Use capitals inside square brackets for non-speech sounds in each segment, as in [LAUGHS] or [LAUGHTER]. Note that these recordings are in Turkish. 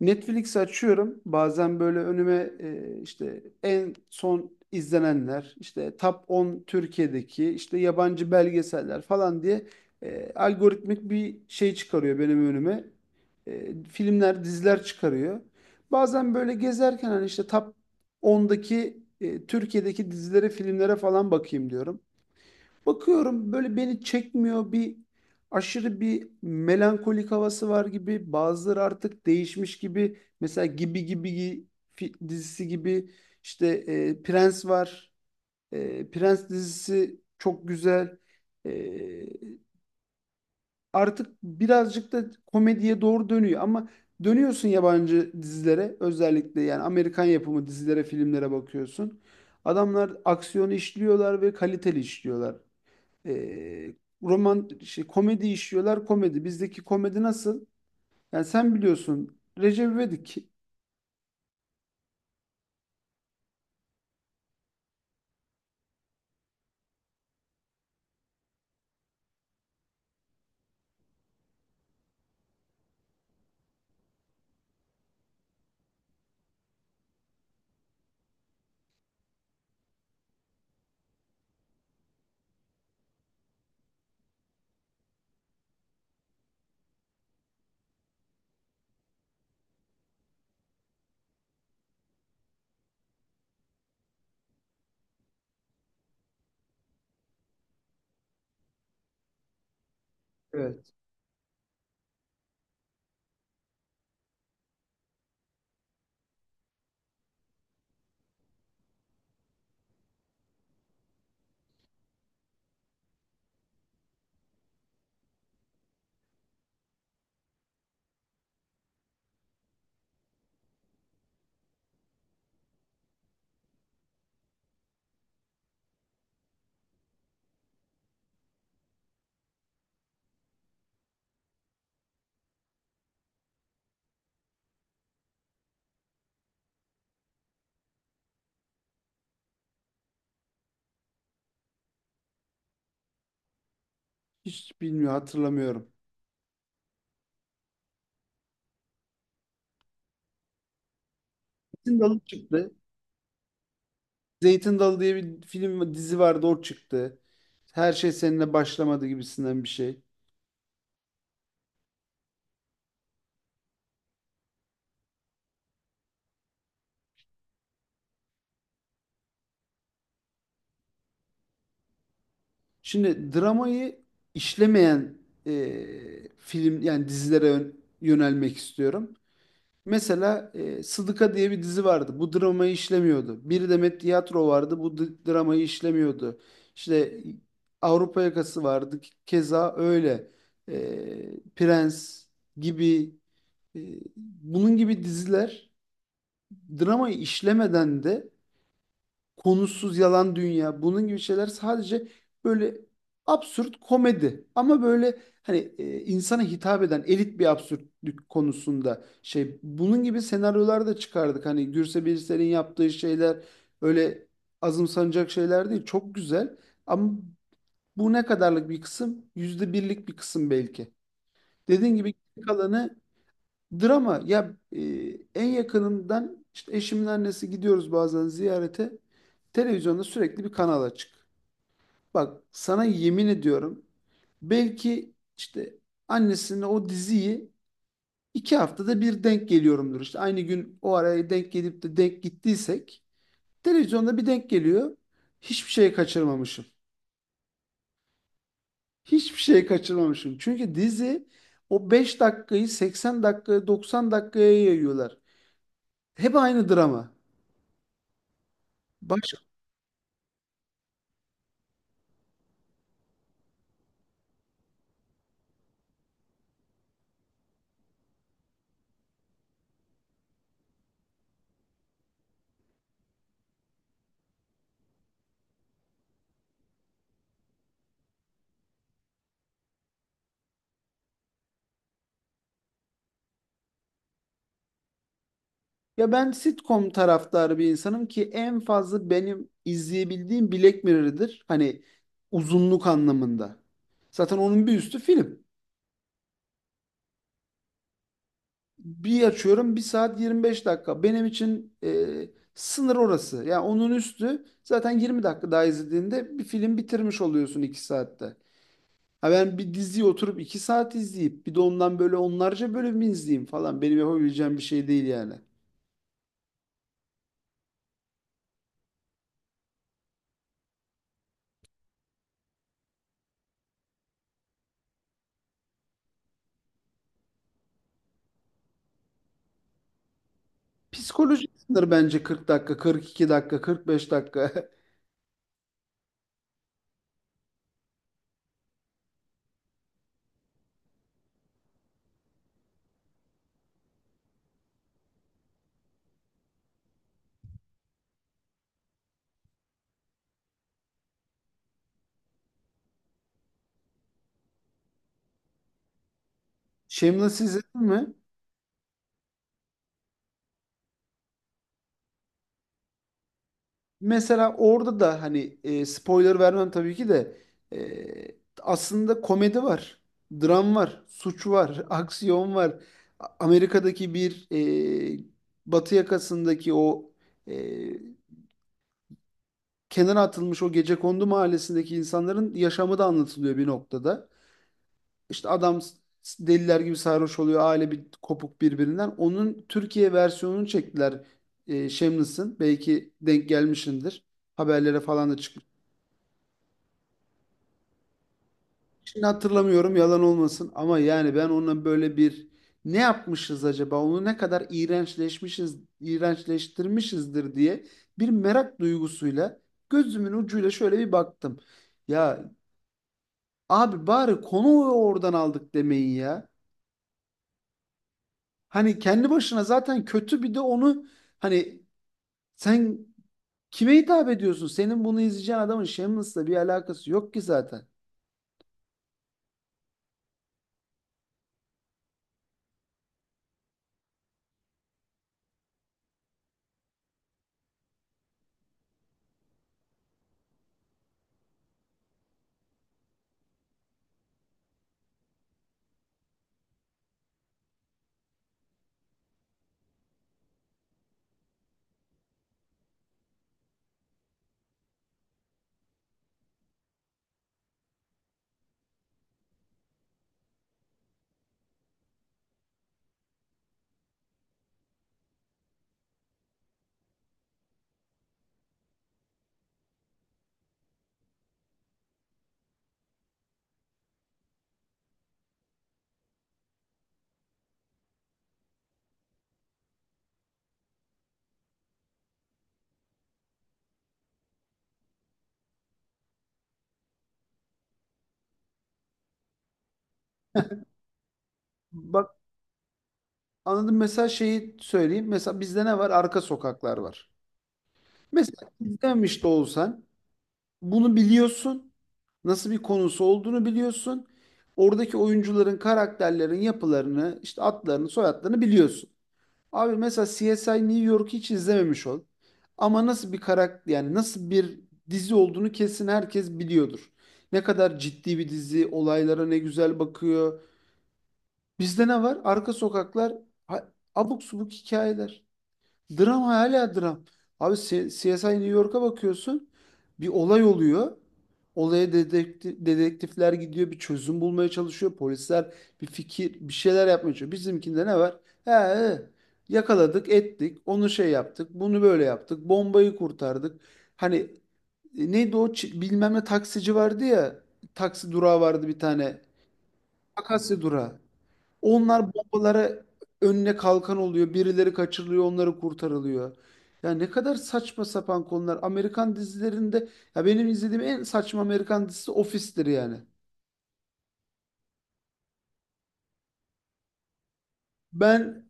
Netflix'i açıyorum. Bazen böyle önüme işte en son izlenenler, işte Top 10 Türkiye'deki, işte yabancı belgeseller falan diye algoritmik bir şey çıkarıyor benim önüme. Filmler, diziler çıkarıyor. Bazen böyle gezerken hani işte Top on'daki Türkiye'deki dizilere, filmlere falan bakayım diyorum. Bakıyorum böyle beni çekmiyor bir aşırı bir melankolik havası var gibi. Bazıları artık değişmiş gibi. Mesela Gibi Gibi dizisi gibi işte Prens var. Prens dizisi çok güzel. E, Artık birazcık da komediye doğru dönüyor ama dönüyorsun yabancı dizilere özellikle yani Amerikan yapımı dizilere, filmlere bakıyorsun. Adamlar aksiyonu işliyorlar ve kaliteli işliyorlar. E, Roman şey, komedi işliyorlar komedi. Bizdeki komedi nasıl? Yani sen biliyorsun Recep İvedik. Evet. Hiç bilmiyor hatırlamıyorum. Zeytin Dalı çıktı. Zeytin Dalı diye bir film dizi vardı o çıktı. Her şey seninle başlamadı gibisinden bir şey. Şimdi dramayı işlemeyen film yani dizilere yönelmek istiyorum. Mesela Sıdıka diye bir dizi vardı. Bu dramayı işlemiyordu. Bir Demet Tiyatro vardı. Bu dramayı işlemiyordu. İşte Avrupa Yakası vardı. Keza öyle. Prens gibi, e, bunun gibi diziler dramayı işlemeden de, konusuz, yalan dünya bunun gibi şeyler, sadece böyle absürt komedi ama böyle hani insana hitap eden elit bir absürtlük konusunda şey, bunun gibi senaryolar da çıkardık hani Gürse Birsel'in yaptığı şeyler öyle azımsanacak şeyler değil, çok güzel. Ama bu ne kadarlık bir kısım, yüzde birlik bir kısım belki. Dediğin gibi geri kalanı drama ya. En yakınımdan işte eşimin annesi, gidiyoruz bazen ziyarete. Televizyonda sürekli bir kanal açık. Bak sana yemin ediyorum, belki işte annesine o diziyi iki haftada bir denk geliyorumdur. İşte aynı gün o araya denk gelip de denk gittiysek televizyonda bir denk geliyor. Hiçbir şey kaçırmamışım. Hiçbir şey kaçırmamışım. Çünkü dizi o 5 dakikayı 80 dakikaya, 90 dakikaya yayıyorlar. Hep aynı drama. Başka... Ya ben sitcom taraftarı bir insanım ki en fazla benim izleyebildiğim Black Mirror'dır. Hani uzunluk anlamında. Zaten onun bir üstü film. Bir açıyorum bir saat 25 dakika. Benim için sınır orası. Ya onun üstü zaten, 20 dakika daha izlediğinde bir film bitirmiş oluyorsun 2 saatte. Ha ben bir diziyi oturup 2 saat izleyip bir de ondan böyle onlarca bölüm izleyeyim falan, benim yapabileceğim bir şey değil yani. Psikolojik sınır bence 40 dakika, 42 dakika, 45 dakika. [LAUGHS] Shameless izledin mi? Mesela orada da hani spoiler vermem tabii ki de, e, aslında komedi var, dram var, suç var, [LAUGHS] aksiyon var. Amerika'daki bir, e, batı yakasındaki o, e, kenara atılmış o gecekondu mahallesindeki insanların yaşamı da anlatılıyor bir noktada. İşte adam deliler gibi sarhoş oluyor. Aile bir kopuk birbirinden. Onun Türkiye versiyonunu çektiler. Shameless'ın. Belki denk gelmişindir. Haberlere falan da çıkmış. Şimdi hatırlamıyorum yalan olmasın ama yani ben onunla böyle bir ne yapmışız acaba, onu ne kadar iğrençleşmişiz, iğrençleştirmişizdir diye bir merak duygusuyla gözümün ucuyla şöyle bir baktım. Ya abi bari konu oradan aldık demeyin ya. Hani kendi başına zaten kötü, bir de onu, hani, sen kime hitap ediyorsun? Senin bunu izleyeceğin adamın Shameless'la bir alakası yok ki zaten. Bak anladım, mesela şeyi söyleyeyim. Mesela bizde ne var? Arka Sokaklar var. Mesela izlemiş de olsan bunu biliyorsun. Nasıl bir konusu olduğunu biliyorsun. Oradaki oyuncuların, karakterlerin yapılarını, işte adlarını, soyadlarını biliyorsun. Abi mesela CSI New York'u hiç izlememiş ol. Ama nasıl bir karakter, yani nasıl bir dizi olduğunu kesin herkes biliyordur. Ne kadar ciddi bir dizi, olaylara ne güzel bakıyor. Bizde ne var? Arka Sokaklar, ha- abuk subuk hikayeler. Dram hala dram. Abi CSI New York'a bakıyorsun. Bir olay oluyor. Olaya dedektifler gidiyor. Bir çözüm bulmaya çalışıyor. Polisler bir fikir, bir şeyler yapmaya çalışıyor. Bizimkinde ne var? He, he. Yakaladık, ettik. Onu şey yaptık. Bunu böyle yaptık. Bombayı kurtardık. Hani neydi o bilmem ne taksici vardı ya. Taksi durağı vardı bir tane. Akasya durağı. Onlar bombalara önüne kalkan oluyor. Birileri kaçırılıyor, onları kurtarılıyor. Ya ne kadar saçma sapan konular. Amerikan dizilerinde... Ya benim izlediğim en saçma Amerikan dizisi Office'tir yani. Ben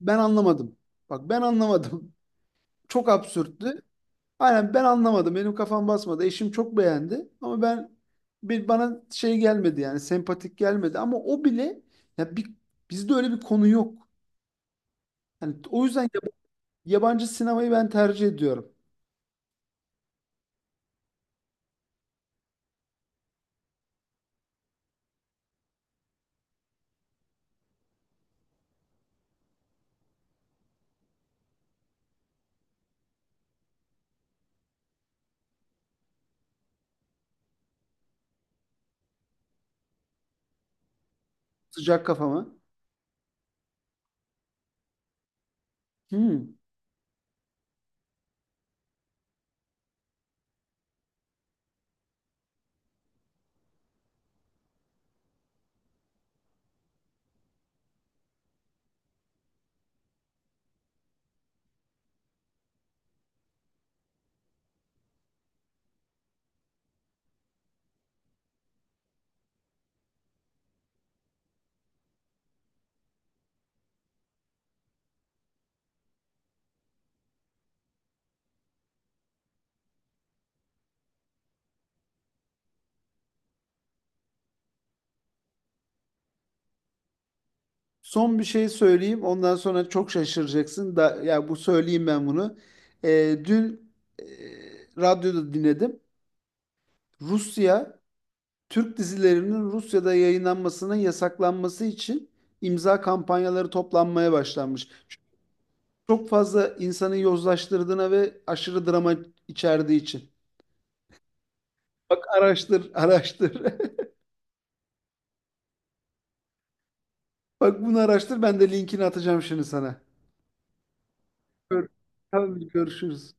Ben anlamadım. Bak ben anlamadım. [LAUGHS] Çok absürttü. Aynen ben anlamadım. Benim kafam basmadı. Eşim çok beğendi ama ben, bir bana şey gelmedi yani sempatik gelmedi ama o bile, ya bir, bizde öyle bir konu yok. Yani o yüzden yabancı sinemayı ben tercih ediyorum. Sıcak kafama. Hmm. Son bir şey söyleyeyim. Ondan sonra çok şaşıracaksın. Da, ya bu söyleyeyim ben bunu. Ee, Dün e, radyoda dinledim. Rusya, Türk dizilerinin Rusya'da yayınlanmasının yasaklanması için imza kampanyaları toplanmaya başlanmış. Çok fazla insanı yozlaştırdığına ve aşırı drama içerdiği için. Bak araştır, araştır. [LAUGHS] Bak bunu araştır. Ben de linkini atacağım şimdi sana. Gör- Tamam, görüşürüz.